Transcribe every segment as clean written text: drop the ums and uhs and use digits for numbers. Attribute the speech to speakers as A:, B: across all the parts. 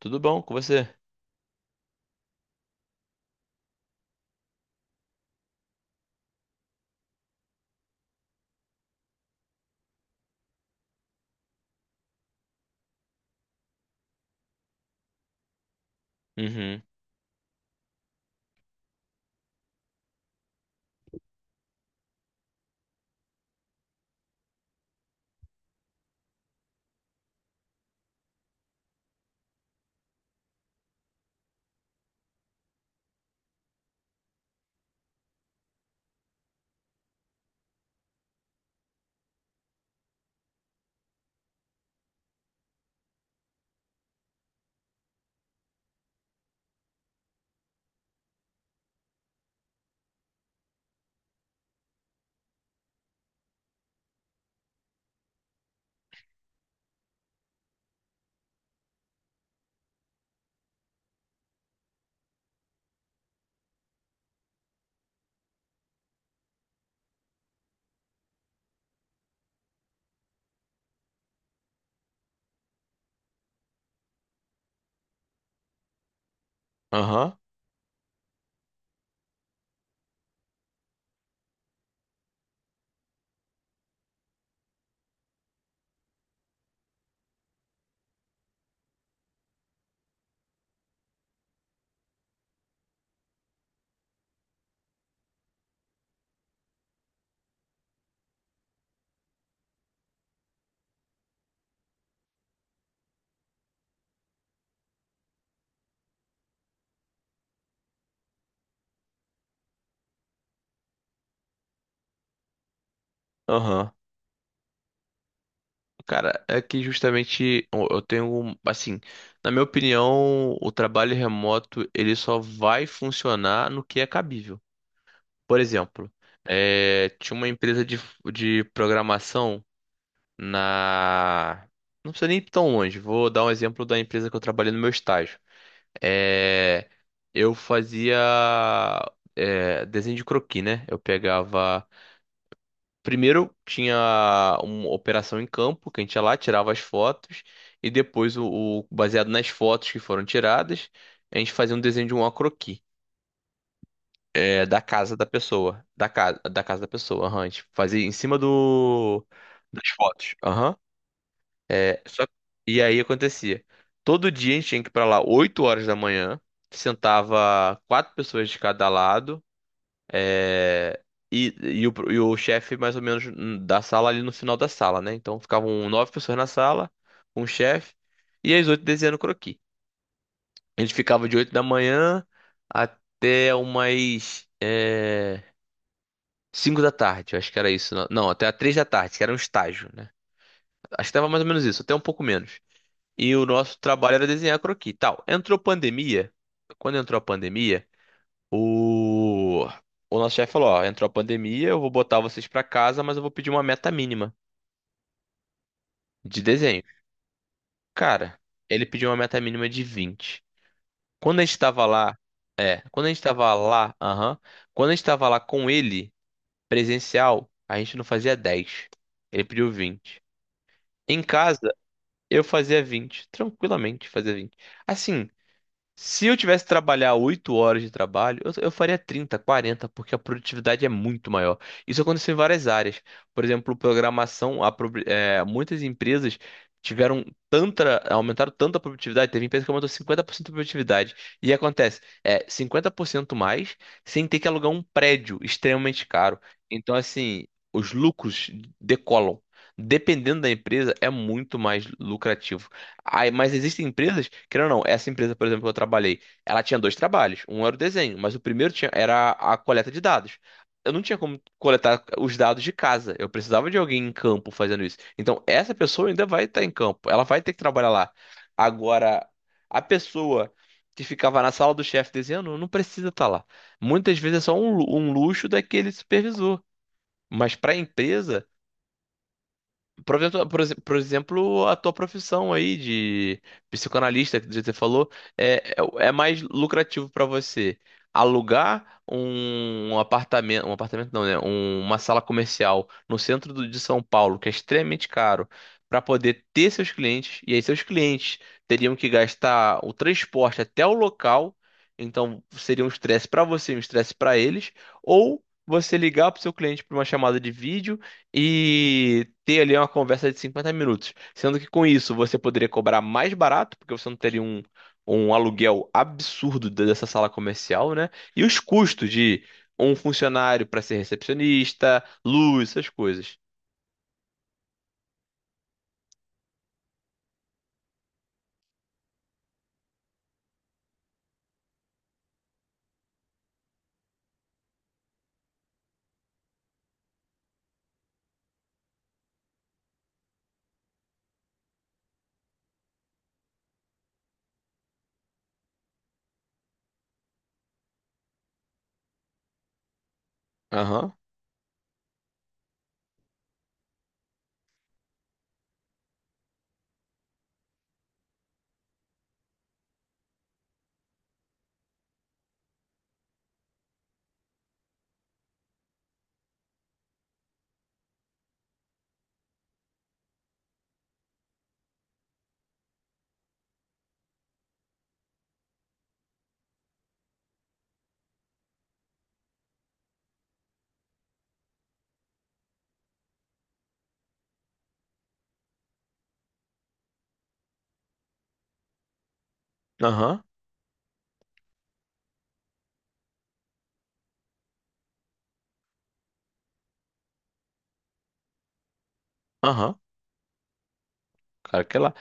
A: Tudo bom com você? Uhum. Aham. Aham. Cara, é que justamente eu tenho, assim, na minha opinião, o trabalho remoto ele só vai funcionar no que é cabível. Por exemplo, tinha uma empresa de programação na. Não precisa nem ir tão longe, vou dar um exemplo da empresa que eu trabalhei no meu estágio. É, eu fazia, desenho de croquis, né? Eu pegava. Primeiro tinha uma operação em campo, que a gente ia lá, tirava as fotos, e depois, baseado nas fotos que foram tiradas, a gente fazia um desenho de um croquis, da casa da pessoa. Da casa da pessoa, aham, a gente fazia em cima das fotos. Aham. Só, e aí acontecia. Todo dia a gente tinha que ir pra lá 8 horas da manhã, sentava quatro pessoas de cada lado. É, e o chefe, mais ou menos, da sala ali no final da sala, né? Então ficavam nove pessoas na sala, um chefe, e as oito desenhando croquis. A gente ficava de 8 da manhã até umas 5 da tarde, eu acho que era isso. Não, não, até a 3 da tarde, que era um estágio, né? Acho que tava mais ou menos isso, até um pouco menos. E o nosso trabalho era desenhar croquis, tal. Entrou pandemia. Quando entrou a pandemia, O, o nosso chefe falou: Ó, entrou a pandemia, eu vou botar vocês pra casa, mas eu vou pedir uma meta mínima de desenho. Cara, ele pediu uma meta mínima de 20. Quando a gente tava lá, quando a gente tava lá, aham, quando a gente tava lá com ele, presencial, a gente não fazia 10. Ele pediu 20. Em casa, eu fazia 20, tranquilamente fazia 20. Assim, se eu tivesse que trabalhar 8 horas de trabalho, eu faria 30, 40, porque a produtividade é muito maior. Isso aconteceu em várias áreas. Por exemplo, programação, muitas empresas tiveram aumentaram tanto a produtividade, teve empresa que aumentou 50% a produtividade. E acontece, é 50% mais sem ter que alugar um prédio extremamente caro. Então, assim, os lucros decolam. Dependendo da empresa, é muito mais lucrativo. Aí, mas existem empresas, querendo ou não, essa empresa, por exemplo, que eu trabalhei, ela tinha dois trabalhos. Um era o desenho, mas o primeiro era a coleta de dados. Eu não tinha como coletar os dados de casa. Eu precisava de alguém em campo fazendo isso. Então, essa pessoa ainda vai estar em campo. Ela vai ter que trabalhar lá. Agora, a pessoa que ficava na sala do chefe desenhando não precisa estar lá. Muitas vezes é só um luxo daquele supervisor. Mas para a empresa. Por exemplo, a tua profissão aí de psicanalista, que você falou, é mais lucrativo para você alugar um apartamento não, né? Uma sala comercial no centro de São Paulo, que é extremamente caro, para poder ter seus clientes, e aí seus clientes teriam que gastar o transporte até o local, então seria um estresse para você, um estresse para eles, ou você ligar para o seu cliente para uma chamada de vídeo e ter ali uma conversa de 50 minutos. Sendo que com isso você poderia cobrar mais barato, porque você não teria um aluguel absurdo dessa sala comercial, né? E os custos de um funcionário para ser recepcionista, luz, essas coisas. Aham, aham, aham. Cara, que lá.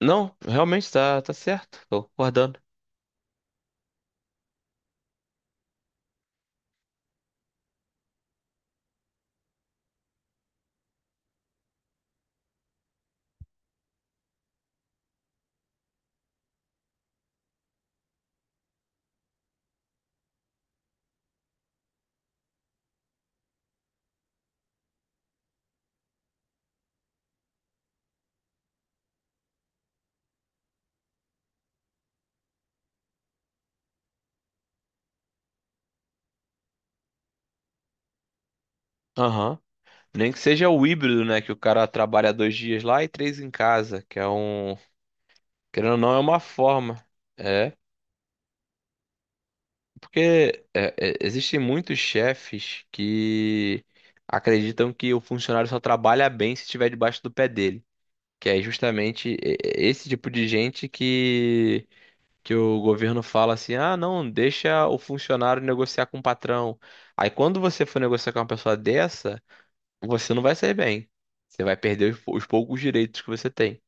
A: Não, realmente tá certo. Tô concordando. Aham. Nem que seja o híbrido, né? Que o cara trabalha 2 dias lá e três em casa, que é um. Querendo ou não, é uma forma. É. Porque existem muitos chefes que acreditam que o funcionário só trabalha bem se estiver debaixo do pé dele. Que é justamente esse tipo de gente que o governo fala assim: ah, não, deixa o funcionário negociar com o patrão. Aí quando você for negociar com uma pessoa dessa, você não vai sair bem. Você vai perder os poucos direitos que você tem.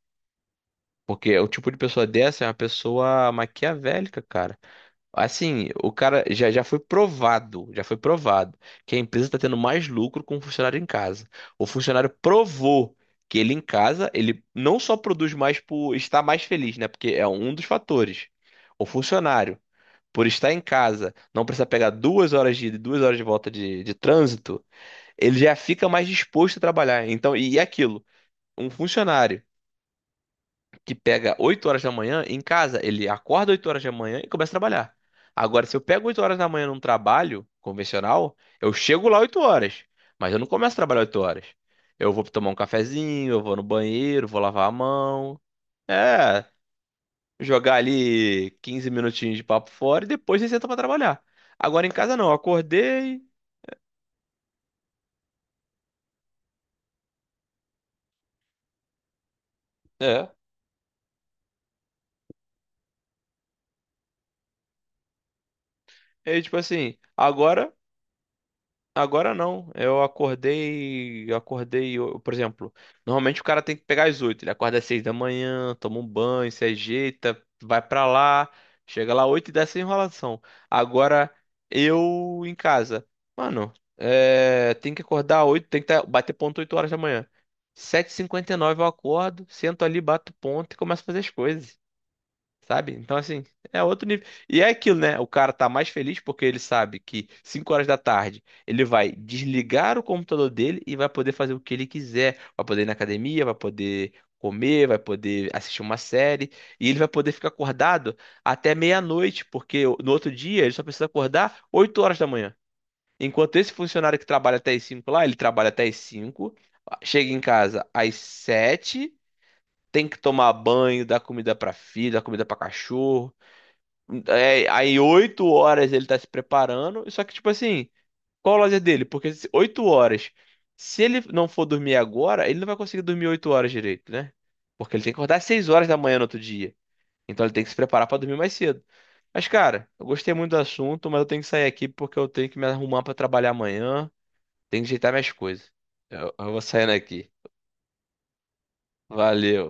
A: Porque o tipo de pessoa dessa é uma pessoa maquiavélica, cara. Assim, o cara já, já foi provado que a empresa está tendo mais lucro com o funcionário em casa. O funcionário provou que ele em casa, ele não só produz mais por estar mais feliz, né? Porque é um dos fatores. O funcionário, por estar em casa, não precisa pegar 2 horas de ida e 2 horas de volta de trânsito, ele já fica mais disposto a trabalhar. Então, e aquilo, um funcionário que pega 8 horas da manhã em casa, ele acorda 8 horas da manhã e começa a trabalhar. Agora, se eu pego 8 horas da manhã num trabalho convencional, eu chego lá 8 horas, mas eu não começo a trabalhar 8 horas. Eu vou tomar um cafezinho, eu vou no banheiro, vou lavar a mão. É, jogar ali 15 minutinhos de papo fora e depois você senta pra trabalhar. Agora em casa não, eu acordei. É. E tipo assim, Agora não. Eu acordei, por exemplo, normalmente o cara tem que pegar às 8. Ele acorda às 6 da manhã, toma um banho, se ajeita, vai pra lá, chega lá às 8 e dá essa enrolação. Agora eu em casa, mano, tem que acordar às 8, tem que bater ponto 8 horas da manhã. 7:59 eu acordo, sento ali, bato ponto e começo a fazer as coisas. Sabe? Então, assim, é outro nível. E é aquilo, né? O cara tá mais feliz porque ele sabe que 5 horas da tarde ele vai desligar o computador dele e vai poder fazer o que ele quiser. Vai poder ir na academia, vai poder comer, vai poder assistir uma série. E ele vai poder ficar acordado até meia-noite, porque no outro dia ele só precisa acordar 8 horas da manhã. Enquanto esse funcionário que trabalha até as 5 lá, ele trabalha até as 5, chega em casa às 7. Tem que tomar banho, dar comida pra filho, dar comida pra cachorro, aí 8 horas ele tá se preparando. Só que, tipo assim, qual o lazer dele? Porque 8 horas. Se ele não for dormir agora, ele não vai conseguir dormir 8 horas direito, né? Porque ele tem que acordar às 6 horas da manhã no outro dia. Então ele tem que se preparar pra dormir mais cedo. Mas, cara, eu gostei muito do assunto, mas eu tenho que sair aqui porque eu tenho que me arrumar pra trabalhar amanhã. Tenho que ajeitar minhas coisas. Eu vou saindo aqui. Valeu.